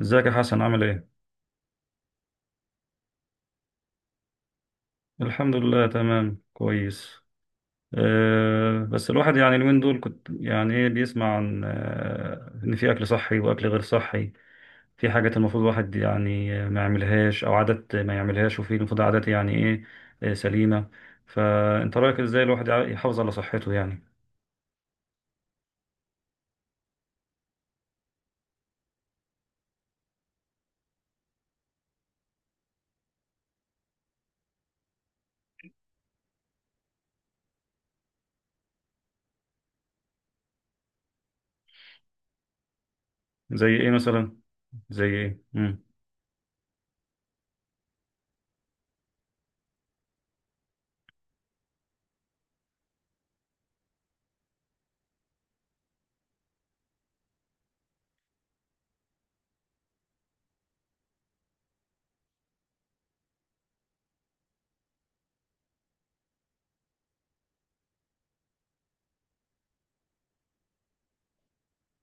ازيك يا حسن، عامل ايه؟ الحمد لله، تمام، كويس. بس الواحد يعني اليومين دول كنت يعني ايه بيسمع عن ان في اكل صحي واكل غير صحي. في حاجات المفروض الواحد يعني ما يعملهاش او عادات ما يعملهاش، وفي المفروض عادات يعني ايه سليمة. فانت رأيك ازاي الواحد يحافظ على صحته يعني؟ زي ايه مثلا؟ زي ايه؟ امم.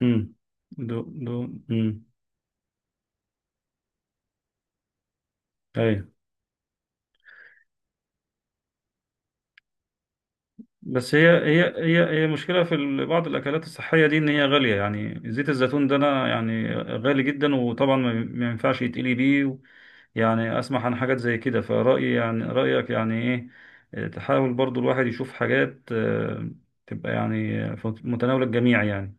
امم. دو دو. امم. بس هي مشكلة في بعض الأكلات الصحية دي، إن هي غالية، يعني زيت الزيتون ده أنا يعني غالي جدا، وطبعا ما ينفعش يتقلي بيه يعني أسمع عن حاجات زي كده، فرأيي يعني رأيك يعني إيه؟ تحاول برضو الواحد يشوف حاجات تبقى يعني في متناول الجميع يعني.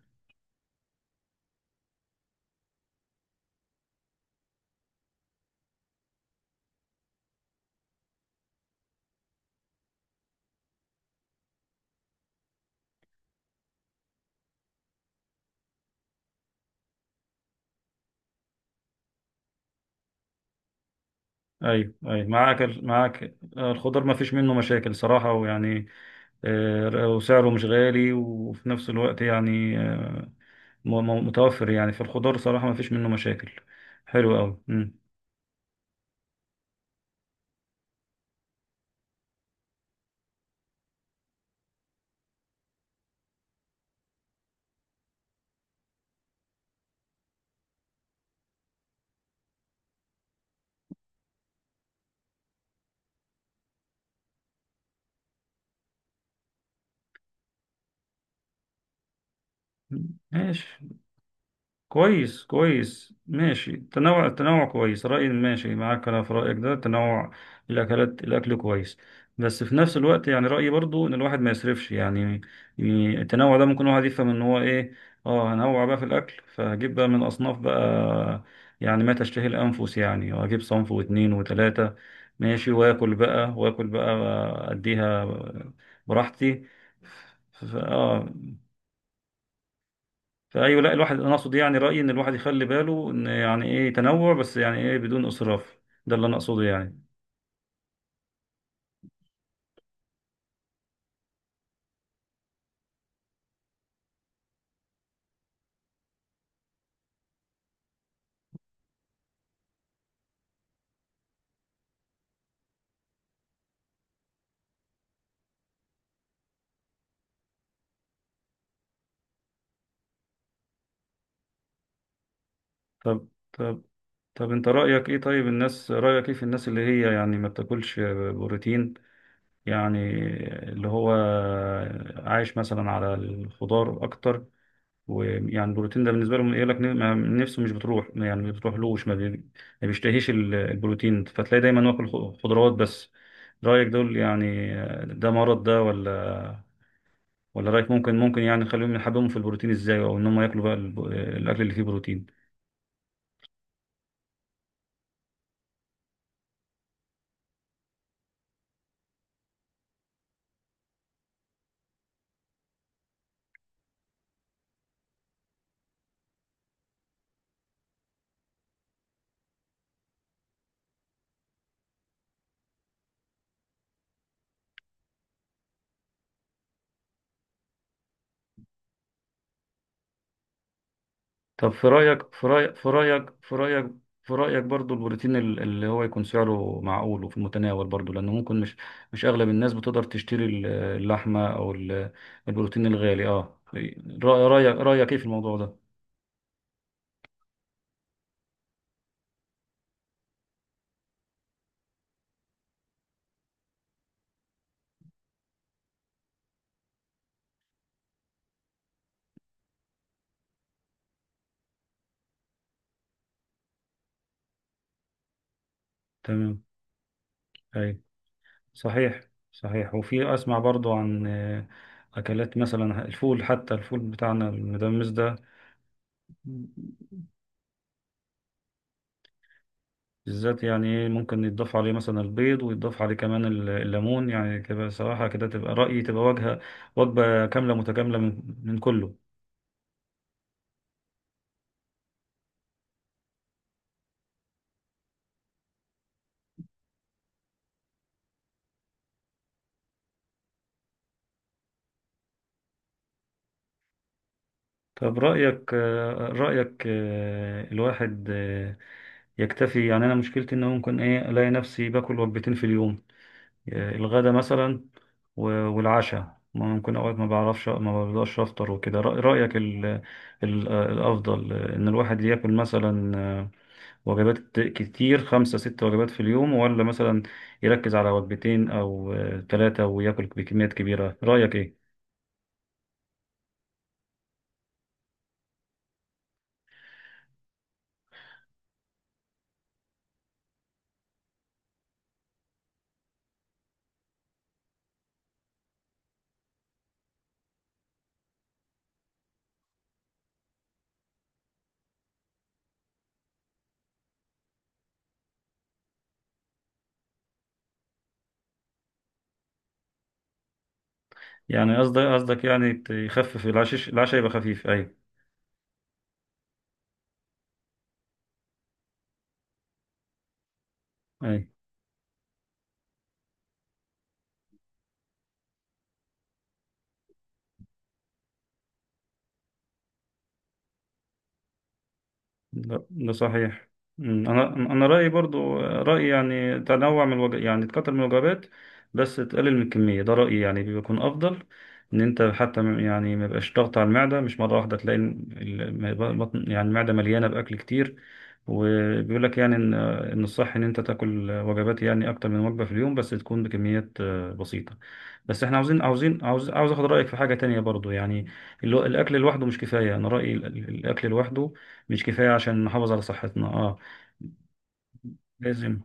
أيوه، أيوه، معاك الخضار ما فيش منه مشاكل صراحة، ويعني وسعره مش غالي، وفي نفس الوقت يعني متوفر. يعني في الخضار صراحة ما فيش منه مشاكل، حلو قوي. مم. ماشي، كويس كويس، ماشي. تنوع، التنوع كويس، رأيي ماشي معاك، أنا في رأيك ده تنوع الأكلات، الأكل كويس. بس في نفس الوقت يعني رأيي برضو إن الواحد ما يسرفش يعني. يعني التنوع ده ممكن الواحد يفهم إن هو إيه، أه هنوع بقى في الأكل، فهجيب بقى من أصناف بقى، يعني ما تشتهي الأنفس يعني، وأجيب صنف واتنين وتلاتة، ماشي، وآكل بقى وآكل بقى أديها براحتي. ف- اه فايوه، لا، الواحد انا اقصد يعني رايي ان الواحد يخلي باله ان يعني ايه تنوع، بس يعني ايه بدون اسراف. ده اللي انا اقصده يعني. طب طب طب انت رايك ايه؟ طيب الناس، رايك ايه في الناس اللي هي يعني ما بتاكلش بروتين؟ يعني اللي هو عايش مثلا على الخضار اكتر، ويعني البروتين ده بالنسبه لهم يقول لك نفسه مش بتروح، يعني ما بتروحلوش، ما بيشتهيش البروتين، فتلاقي دايما واكل خضروات بس. رايك دول يعني، ده مرض ده ولا؟ ولا رايك ممكن، يعني نخليهم يحببهم في البروتين ازاي، او ان هم ياكلوا بقى الاكل اللي فيه بروتين؟ طب في رايك برضو البروتين اللي هو يكون سعره معقول وفي المتناول برضو، لانه ممكن مش اغلب الناس بتقدر تشتري اللحمه او البروتين الغالي. اه، رايك، رايك ايه في الموضوع ده؟ تمام، اي، صحيح، صحيح. وفي اسمع برضو عن اكلات مثلا الفول، حتى الفول بتاعنا المدمس ده بالذات يعني إيه، ممكن يتضاف عليه مثلا البيض، ويتضاف عليه كمان الليمون، يعني كده صراحة كده تبقى رأيي تبقى وجهة وجبة كاملة متكاملة من كله. طب رأيك رأيك الواحد يكتفي. يعني أنا مشكلتي إن ممكن إيه، ألاقي نفسي باكل وجبتين في اليوم، الغدا مثلا والعشاء، ممكن أوقات ما بعرفش ما بقدرش أفطر وكده. رأيك الأفضل إن الواحد ياكل مثلا وجبات كتير، خمسة ست وجبات في اليوم، ولا مثلا يركز على وجبتين أو ثلاثة وياكل بكميات كبيرة؟ رأيك إيه؟ يعني قصدك يعني يخفف العشاء، العشاء يبقى خفيف، أيوة. أيوة، لا، ده صحيح. مم. انا رايي برضو رايي يعني تنوع من يعني تكتر من الوجبات بس تقلل من الكميه، ده رايي يعني بيكون افضل. ان انت حتى يعني ما يبقاش ضغط على المعده، مش مره واحده تلاقي البطن يعني المعده مليانه باكل كتير. وبيقول لك يعني ان الصح ان انت تاكل وجبات، يعني اكتر من وجبه في اليوم بس تكون بكميات بسيطه. بس احنا عاوز اخد رايك في حاجه تانية برضو، يعني اللي هو الاكل لوحده مش كفايه. انا رايي الاكل لوحده مش كفاية عشان نحافظ على صحتنا، اه لازم.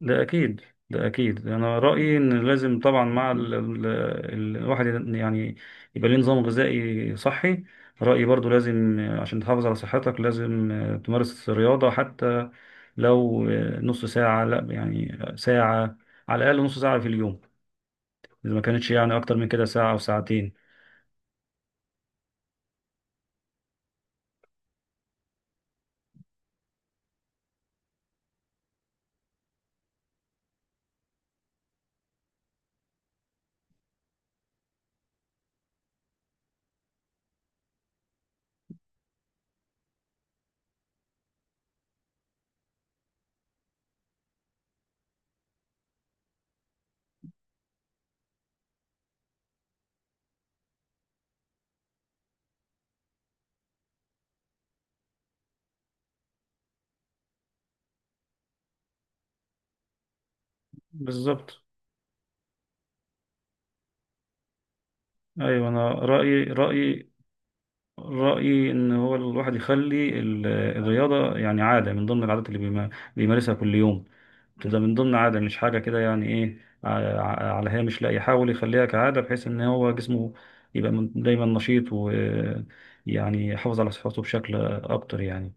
ده أكيد، ده أكيد، أنا رأيي إن لازم طبعا مع الواحد يعني يبقى ليه نظام غذائي صحي. رأيي برضو لازم عشان تحافظ على صحتك لازم تمارس رياضة، حتى لو نص ساعة، لا يعني ساعة، على الأقل نص ساعة في اليوم، إذا ما كانتش يعني أكتر من كده ساعة أو ساعتين. بالظبط. أيوة، أنا رأيي إن هو الواحد يخلي الرياضة يعني عادة، من ضمن العادات اللي بيمارسها كل يوم. تبقى من ضمن عادة، مش حاجة كده يعني إيه على هامش، لا يحاول يخليها كعادة بحيث إن هو جسمه يبقى دايما نشيط، ويعني يحافظ على صحته بشكل أكتر يعني.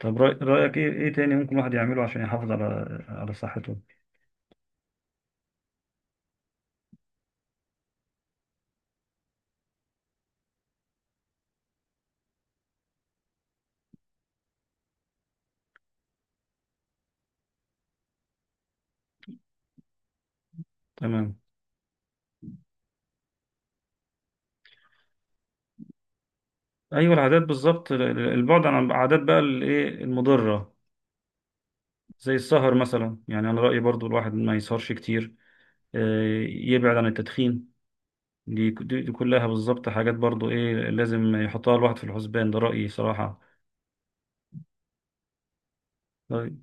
طب رأيك إيه إيه تاني ممكن الواحد يعمله عشان يحافظ على على صحته؟ تمام. أيوة العادات بالظبط، البعد عن العادات بقى الإيه المضرة، زي السهر مثلا، يعني أنا رأيي برضو الواحد ما يسهرش كتير، يبعد عن التدخين. دي كلها بالظبط حاجات برضو ايه لازم يحطها الواحد في الحسبان، ده رأيي صراحة. طيب،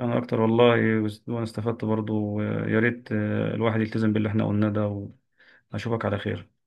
انا اكتر والله. وانا استفدت برضو، يا ريت الواحد يلتزم باللي احنا قلناه ده، واشوفك على خير.